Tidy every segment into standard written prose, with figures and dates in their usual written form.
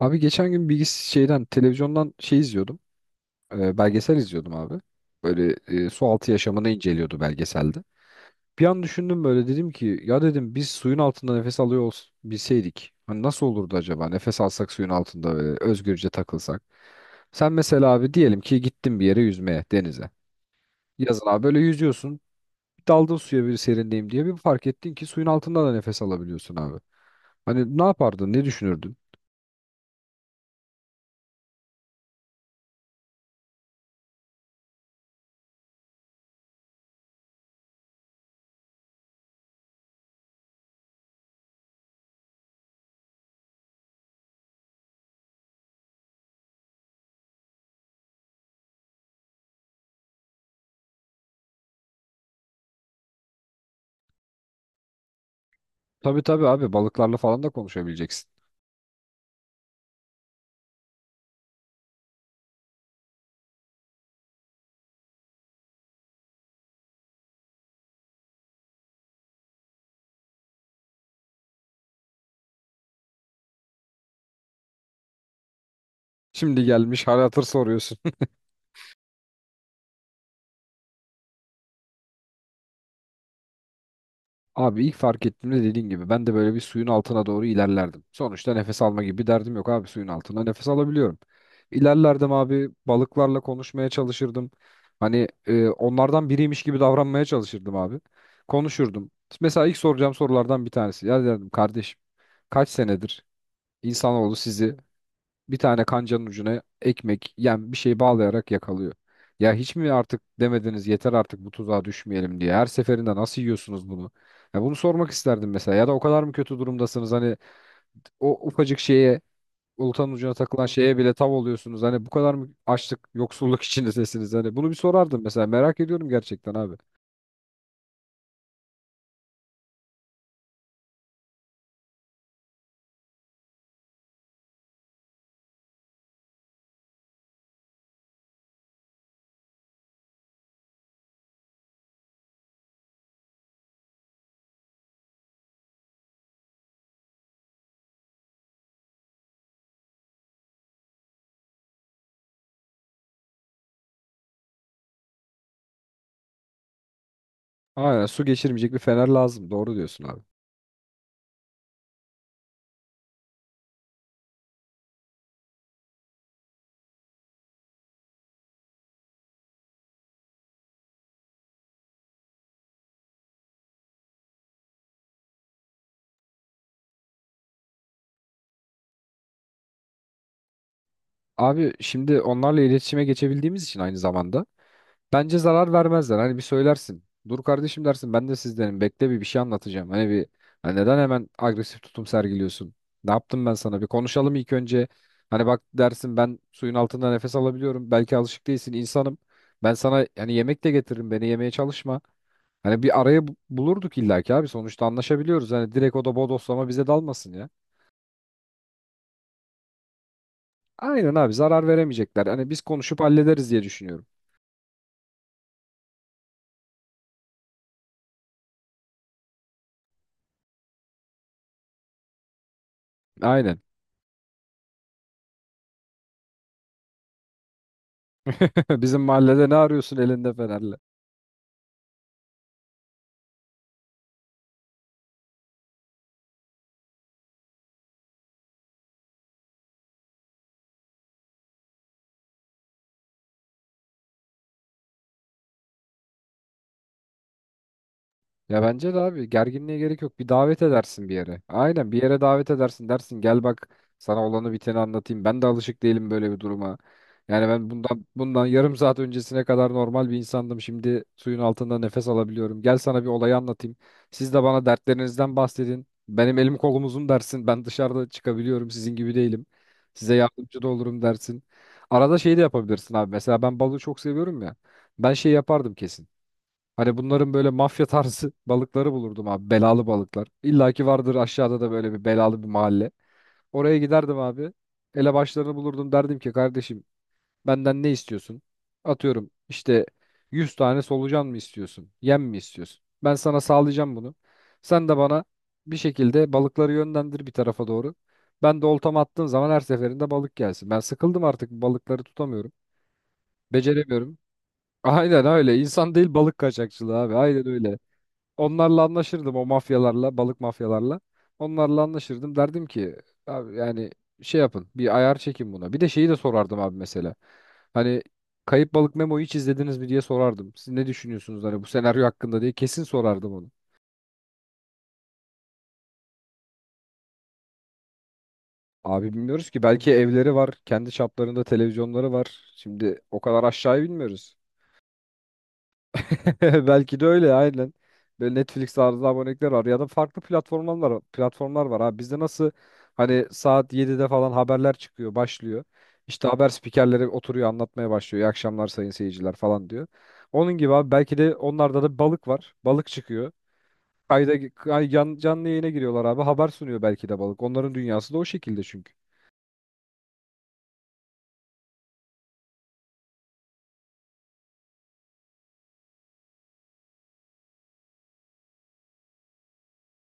Abi geçen gün bilgis şeyden televizyondan şey izliyordum. Belgesel izliyordum abi. Böyle su altı yaşamını inceliyordu belgeselde. Bir an düşündüm böyle dedim ki ya dedim biz suyun altında nefes alıyor bilseydik. Hani nasıl olurdu acaba nefes alsak suyun altında böyle özgürce takılsak. Sen mesela abi diyelim ki gittin bir yere yüzmeye denize. Yazın abi böyle yüzüyorsun. Daldın suya bir serinleyeyim diye bir fark ettin ki suyun altında da nefes alabiliyorsun abi. Hani ne yapardın ne düşünürdün? Tabii tabii abi balıklarla falan da konuşabileceksin. Şimdi gelmiş hal hatır soruyorsun. Abi ilk fark ettiğimde dediğin gibi ben de böyle bir suyun altına doğru ilerlerdim. Sonuçta nefes alma gibi bir derdim yok abi suyun altında nefes alabiliyorum. İlerlerdim abi balıklarla konuşmaya çalışırdım. Hani onlardan biriymiş gibi davranmaya çalışırdım abi. Konuşurdum. Mesela ilk soracağım sorulardan bir tanesi. Ya derdim kardeşim kaç senedir insanoğlu sizi bir tane kancanın ucuna ekmek yani bir şey bağlayarak yakalıyor. Ya hiç mi artık demediniz yeter artık bu tuzağa düşmeyelim diye. Her seferinde nasıl yiyorsunuz bunu? Ya bunu sormak isterdim mesela. Ya da o kadar mı kötü durumdasınız hani o ufacık şeye oltanın ucuna takılan şeye bile tav oluyorsunuz. Hani bu kadar mı açlık, yoksulluk içindesiniz? Hani bunu bir sorardım mesela. Merak ediyorum gerçekten abi. Aynen, su geçirmeyecek bir fener lazım. Doğru diyorsun abi. Abi şimdi onlarla iletişime geçebildiğimiz için aynı zamanda bence zarar vermezler. Hani bir söylersin. Dur kardeşim dersin ben de sizdenim. Bekle bir şey anlatacağım. Hani bir hani neden hemen agresif tutum sergiliyorsun? Ne yaptım ben sana? Bir konuşalım ilk önce. Hani bak dersin ben suyun altında nefes alabiliyorum. Belki alışık değilsin insanım. Ben sana hani yemek de getiririm. Beni yemeye çalışma. Hani bir araya bulurduk illaki abi. Sonuçta anlaşabiliyoruz. Hani direkt o da bodoslama bize dalmasın ya. Aynen abi zarar veremeyecekler. Hani biz konuşup hallederiz diye düşünüyorum. Aynen. Bizim mahallede ne arıyorsun elinde fenerle? Ya bence de abi gerginliğe gerek yok. Bir davet edersin bir yere. Aynen bir yere davet edersin dersin gel bak sana olanı biteni anlatayım. Ben de alışık değilim böyle bir duruma. Yani ben bundan yarım saat öncesine kadar normal bir insandım. Şimdi suyun altında nefes alabiliyorum. Gel sana bir olayı anlatayım. Siz de bana dertlerinizden bahsedin. Benim elim kolum uzun dersin. Ben dışarıda çıkabiliyorum. Sizin gibi değilim. Size yardımcı da olurum dersin. Arada şey de yapabilirsin abi. Mesela ben balığı çok seviyorum ya. Ben şey yapardım kesin. Hani bunların böyle mafya tarzı balıkları bulurdum abi. Belalı balıklar. İlla ki vardır aşağıda da böyle bir belalı bir mahalle. Oraya giderdim abi. Elebaşlarını bulurdum derdim ki kardeşim benden ne istiyorsun? Atıyorum işte 100 tane solucan mı istiyorsun? Yem mi istiyorsun? Ben sana sağlayacağım bunu. Sen de bana bir şekilde balıkları yönlendir bir tarafa doğru. Ben de oltamı attığım zaman her seferinde balık gelsin. Ben sıkıldım artık balıkları tutamıyorum. Beceremiyorum. Aynen öyle. İnsan değil balık kaçakçılığı abi. Aynen öyle. Onlarla anlaşırdım o mafyalarla, balık mafyalarla. Onlarla anlaşırdım. Derdim ki abi yani şey yapın, bir ayar çekin buna. Bir de şeyi de sorardım abi mesela. Hani Kayıp Balık Memo'yu hiç izlediniz mi diye sorardım. Siz ne düşünüyorsunuz hani bu senaryo hakkında diye kesin sorardım onu. Abi bilmiyoruz ki belki evleri var, kendi çaplarında televizyonları var. Şimdi o kadar aşağıya bilmiyoruz. Belki de öyle aynen. Böyle Netflix tarzı abonelikler var ya da farklı platformlar var. Platformlar var abi. Bizde nasıl hani saat 7'de falan haberler çıkıyor, başlıyor. İşte haber spikerleri oturuyor anlatmaya başlıyor. İyi akşamlar sayın seyirciler falan diyor. Onun gibi abi belki de onlarda da balık var. Balık çıkıyor. Canlı yayına giriyorlar abi. Haber sunuyor belki de balık. Onların dünyası da o şekilde çünkü.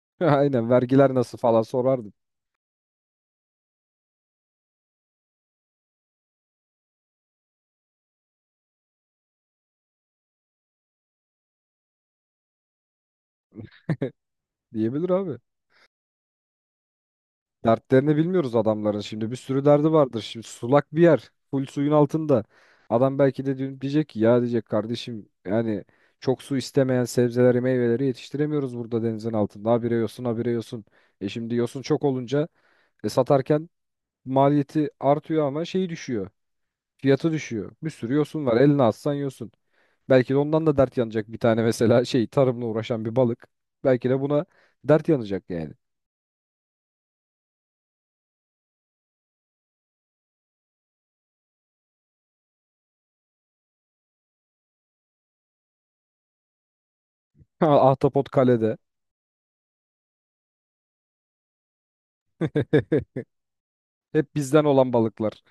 Aynen vergiler nasıl falan sorardı, diyebilir abi. Dertlerini bilmiyoruz adamların şimdi. Bir sürü derdi vardır. Şimdi sulak bir yer. Full suyun altında. Adam belki de dün diyecek ki ya diyecek kardeşim yani çok su istemeyen sebzeleri meyveleri yetiştiremiyoruz burada denizin altında. Habire yosun habire yosun. E şimdi yosun çok olunca satarken maliyeti artıyor ama şeyi düşüyor. Fiyatı düşüyor. Bir sürü yosun var. Eline atsan yosun. Belki de ondan da dert yanacak bir tane mesela şey tarımla uğraşan bir balık. Belki de buna dert yanacak yani. Ahtapot kalede. Hep bizden olan balıklar.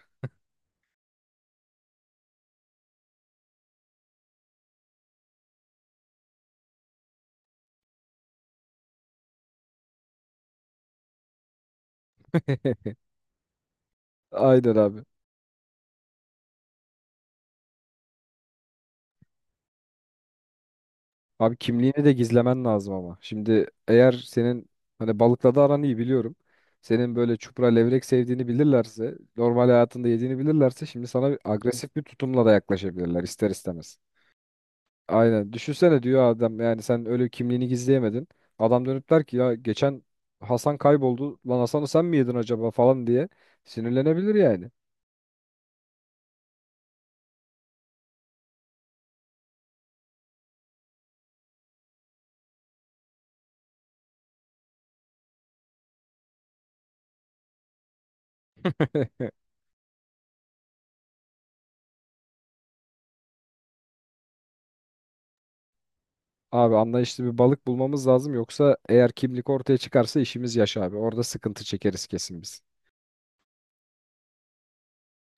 Aynen abi. Abi kimliğini de gizlemen lazım ama. Şimdi eğer senin hani balıkla da aran iyi biliyorum. Senin böyle çupra levrek sevdiğini bilirlerse, normal hayatında yediğini bilirlerse şimdi sana agresif bir tutumla da yaklaşabilirler ister istemez. Aynen. Düşünsene diyor adam yani sen öyle kimliğini gizleyemedin. Adam dönüp der ki ya geçen Hasan kayboldu. Lan Hasan'ı sen mi yedin acaba falan diye sinirlenebilir yani. Abi anlayışlı bir balık bulmamız lazım yoksa eğer kimlik ortaya çıkarsa işimiz yaş abi. Orada sıkıntı çekeriz kesin biz.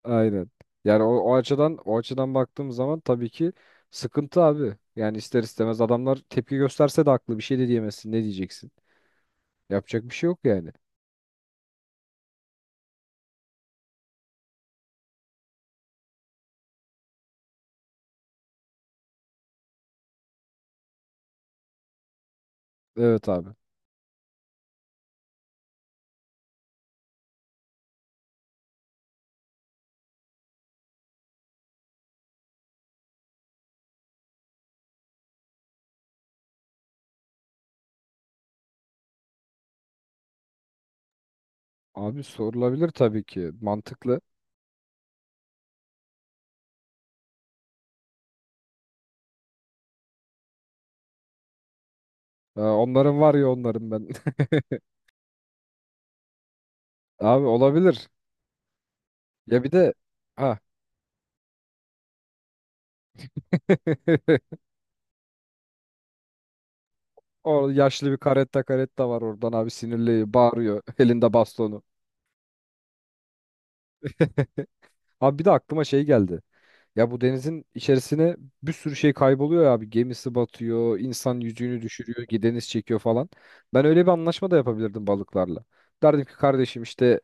Aynen. Yani o açıdan baktığımız zaman tabii ki sıkıntı abi. Yani ister istemez adamlar tepki gösterse de haklı bir şey de diyemezsin. Ne diyeceksin? Yapacak bir şey yok yani. Evet abi. Abi sorulabilir tabii ki. Mantıklı. Onların var ya onların ben. Abi olabilir. Ya bir de ha. O yaşlı bir karetta karetta var oradan abi sinirli bağırıyor elinde bastonu. Abi bir de aklıma şey geldi. Ya bu denizin içerisine bir sürü şey kayboluyor ya abi. Gemisi batıyor, insan yüzüğünü düşürüyor, deniz çekiyor falan. Ben öyle bir anlaşma da yapabilirdim balıklarla. Derdim ki kardeşim işte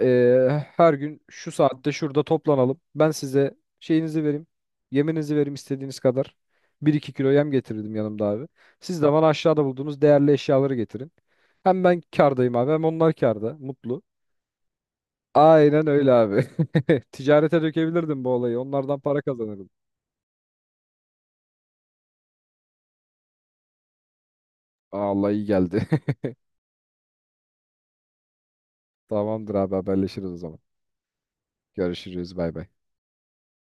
her gün şu saatte şurada toplanalım. Ben size şeyinizi vereyim, yeminizi vereyim istediğiniz kadar. Bir iki kilo yem getirdim yanımda abi. Siz de bana aşağıda bulduğunuz değerli eşyaları getirin. Hem ben kârdayım abi hem onlar kârda, mutlu. Aynen öyle abi. Ticarete dökebilirdim bu olayı. Onlardan para kazanırdım. Aa, Allah iyi geldi. Tamamdır abi haberleşiriz o zaman. Görüşürüz bay bay.